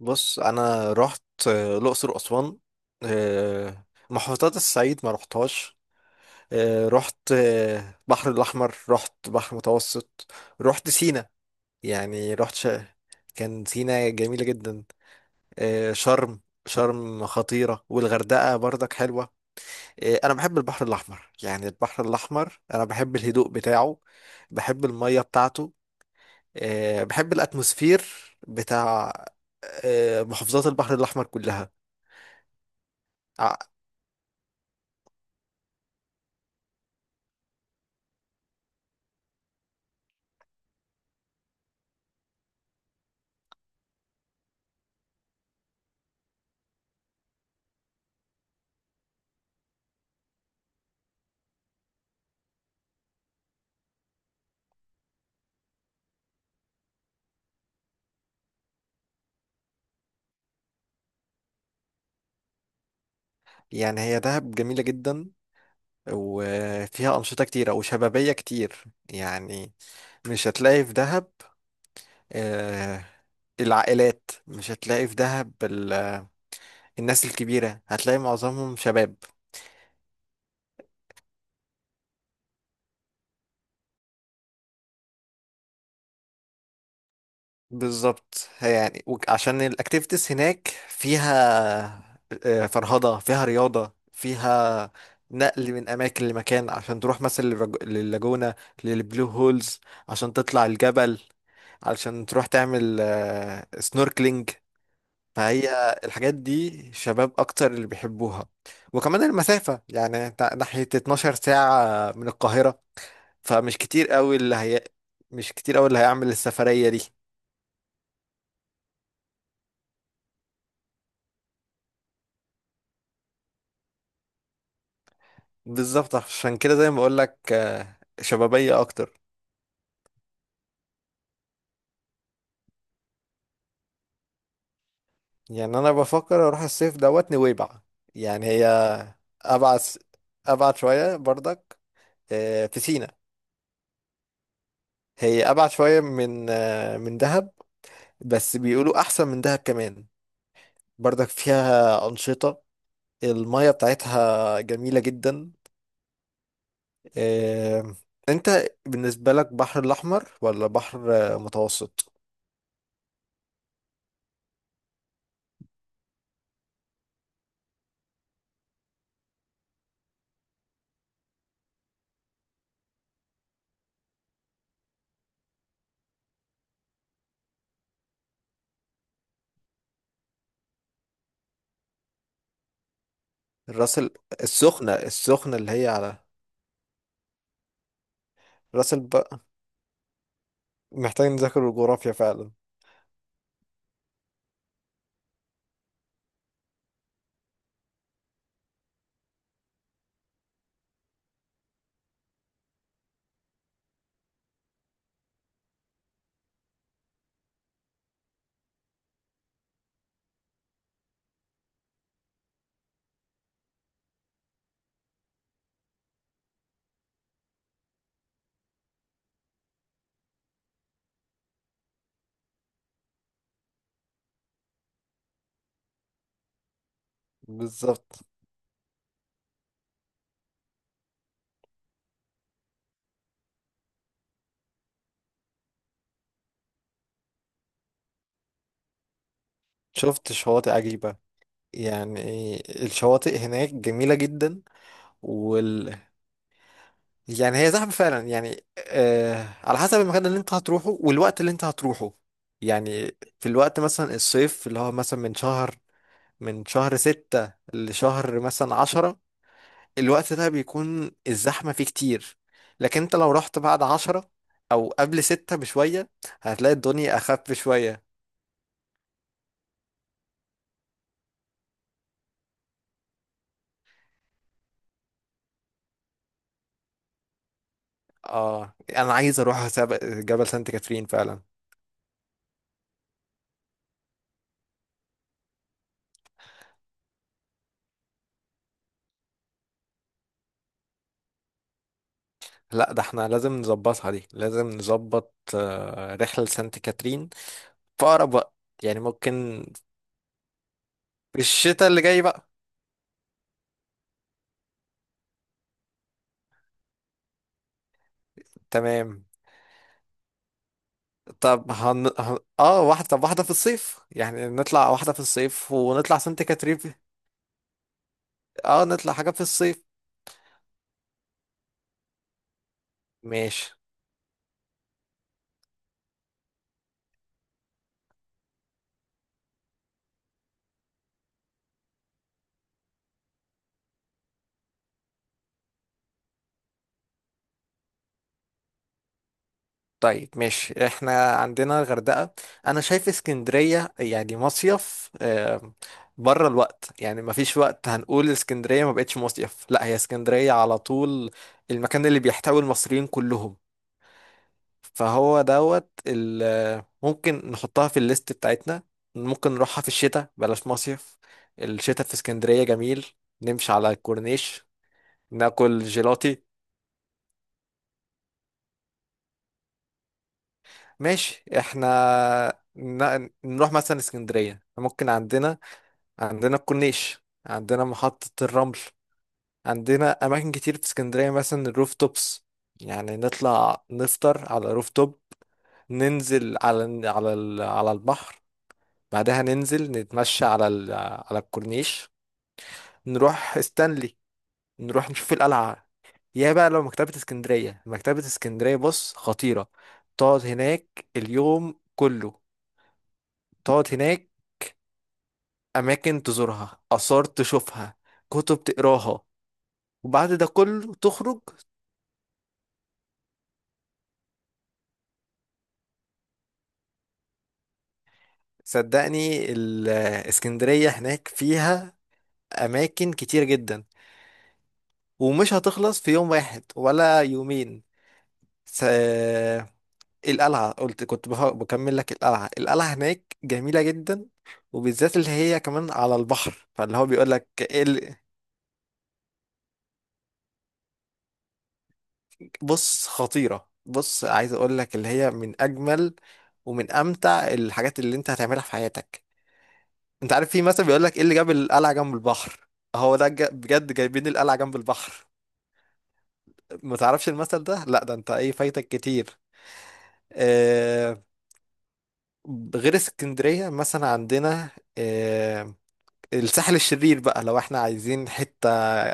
بص، انا رحت الاقصر واسوان. محافظات الصعيد ما رحتهاش. رحت بحر الاحمر، رحت بحر متوسط. رحت سينا. يعني رحت. كان سينا جميله جدا. شرم. شرم خطيره، والغردقه برضك حلوه. انا بحب البحر الاحمر. يعني البحر الاحمر انا بحب الهدوء بتاعه. بحب الميه بتاعته. بحب الاتموسفير بتاع محافظات البحر الاحمر كلها. يعني هي دهب جميلة جدا، وفيها أنشطة كتيرة وشبابية كتير يعني. مش هتلاقي في دهب آه، العائلات. مش هتلاقي في دهب الناس الكبيرة، هتلاقي معظمهم شباب. بالظبط. هي يعني عشان الأكتيفيتيز هناك فيها فرهضة، فيها رياضة، فيها نقل من أماكن لمكان، عشان تروح مثلا لللاجونة، للبلو هولز، عشان تطلع الجبل، علشان تروح تعمل سنوركلينج. فهي الحاجات دي شباب اكتر اللي بيحبوها. وكمان المسافة يعني ناحية 12 ساعة من القاهرة. فمش كتير قوي اللي هي مش كتير قوي اللي هيعمل السفرية دي. بالظبط، عشان كده زي ما بقول لك شبابية اكتر. يعني انا بفكر اروح الصيف دوت نويبع. يعني هي ابعد ابعد شوية برضك. في سينا. هي ابعد شوية من دهب. بس بيقولوا احسن من دهب كمان. بردك فيها أنشطة. المية بتاعتها جميلة جدا. آم، انت بالنسبة لك بحر الأحمر ولا بحر متوسط؟ الراس ال- السخنة اللي هي على راس الب... محتاج نذاكر الجغرافيا فعلا. بالظبط. شفت شواطئ عجيبة. يعني الشواطئ هناك جميلة جدا. يعني هي زحمة فعلا. يعني على حسب المكان اللي انت هتروحه والوقت اللي انت هتروحه. يعني في الوقت مثلا الصيف اللي هو مثلا من شهر ستة لشهر مثلا 10. الوقت ده بيكون الزحمة فيه كتير. لكن انت لو رحت بعد 10، او قبل ستة بشوية، هتلاقي الدنيا اخف شوية. اه، انا عايز اروح جبل سانت كاترين فعلا. لا، ده احنا لازم نظبطها، دي لازم نظبط رحلة سانت كاترين في أقرب وقت. يعني ممكن في الشتاء اللي جاي بقى. تمام. طب اه، واحدة. طب واحدة في الصيف، يعني نطلع واحدة في الصيف ونطلع سانت كاترين. اه، نطلع حاجة في الصيف. ماشي. طيب، ماشي. احنا عندنا الغردقة. انا شايف اسكندرية يعني مصيف. بره الوقت. يعني مفيش وقت هنقول اسكندرية ما بقتش مصيف، لا هي اسكندرية على طول المكان اللي بيحتوي المصريين كلهم. فهو دوت ممكن نحطها في الليست بتاعتنا. ممكن نروحها في الشتاء بلاش مصيف. الشتاء في اسكندرية جميل. نمشي على الكورنيش، ناكل جيلاتي. ماشي احنا نروح مثلا اسكندرية. ممكن عندنا عندنا الكورنيش، عندنا محطة الرمل، عندنا أماكن كتير في اسكندرية، مثلا الروف توبس. يعني نطلع نفطر على روف توب، ننزل على البحر. بعدها ننزل نتمشى على الكورنيش. نروح استانلي، نروح نشوف القلعة. يا بقى، لو مكتبة اسكندرية، مكتبة اسكندرية بص خطيرة. تقعد هناك اليوم كله. تقعد هناك، أماكن تزورها، آثار تشوفها، كتب تقراها، وبعد ده كله تخرج. صدقني، الإسكندرية هناك فيها أماكن كتير جدا، ومش هتخلص في يوم واحد ولا يومين. س- القلعة، قلت كنت بكمل لك. القلعة، القلعة هناك جميلة جدا، وبالذات اللي هي كمان على البحر. فاللي هو بيقول لك إيه. بص خطيرة. بص، عايز اقول لك اللي هي من اجمل ومن امتع الحاجات اللي انت هتعملها في حياتك. انت عارف، في مثلا بيقول لك ايه اللي جاب القلعة جنب البحر. هو ده بجد جايبين القلعة جنب البحر. ما تعرفش المثل ده؟ لا، ده انت ايه فايتك كتير. آه. غير اسكندرية مثلا عندنا آه، الساحل الشرير بقى، لو احنا عايزين حتة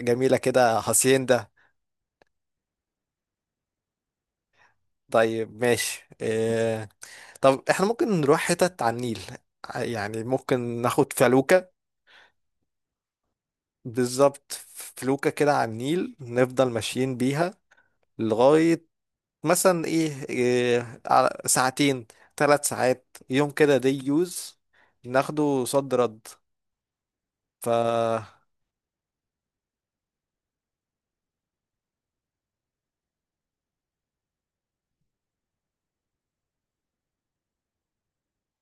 جميلة كده، هاسيندا. طيب ماشي. اه، طب احنا ممكن نروح حتت على النيل. يعني ممكن ناخد فلوكة. بالظبط، فلوكة كده على النيل نفضل ماشيين بيها لغاية مثلا ايه, إيه ساعتين، 3 ساعات، يوم كده، دي يوز، ناخده صد رد. فأنا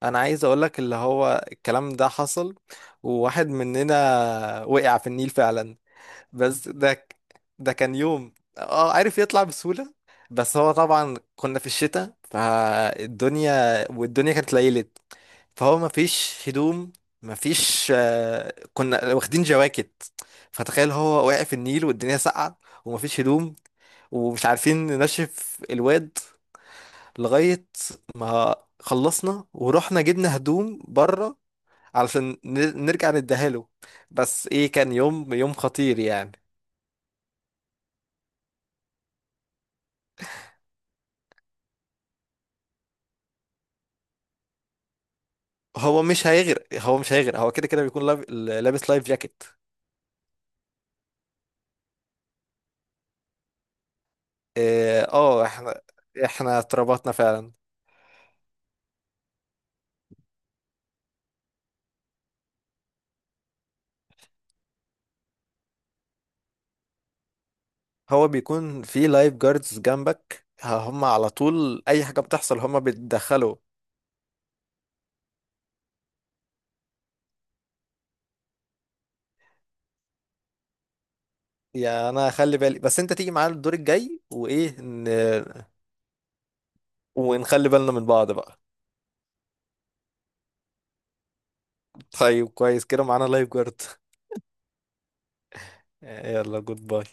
عايز أقولك اللي هو الكلام ده حصل، وواحد مننا وقع في النيل فعلا. بس ده ك- ده كان يوم. اه، عارف يطلع بسهولة. بس هو طبعا كنا في الشتاء فالدنيا، والدنيا كانت ليلت. فهو مفيش هدوم. مفيش كنا واخدين جواكت. فتخيل، هو واقع في النيل والدنيا ساقعة، ومفيش هدوم، ومش عارفين ننشف الواد لغاية ما خلصنا، ورحنا جبنا هدوم بره علشان نرجع نديها له. بس ايه، كان يوم يوم خطير يعني. هو مش هيغرق. هو كده كده بيكون لابس لايف جاكيت. اه. احنا اتربطنا فعلا. هو بيكون في لايف جاردز جنبك، هم على طول اي حاجه بتحصل هم بيتدخلوا. يا، انا خلي بالي، بس انت تيجي معانا الدور الجاي وايه. ونخلي بالنا من بعض بقى. طيب كويس كده، معانا لايف جارد. يلا، جود باي.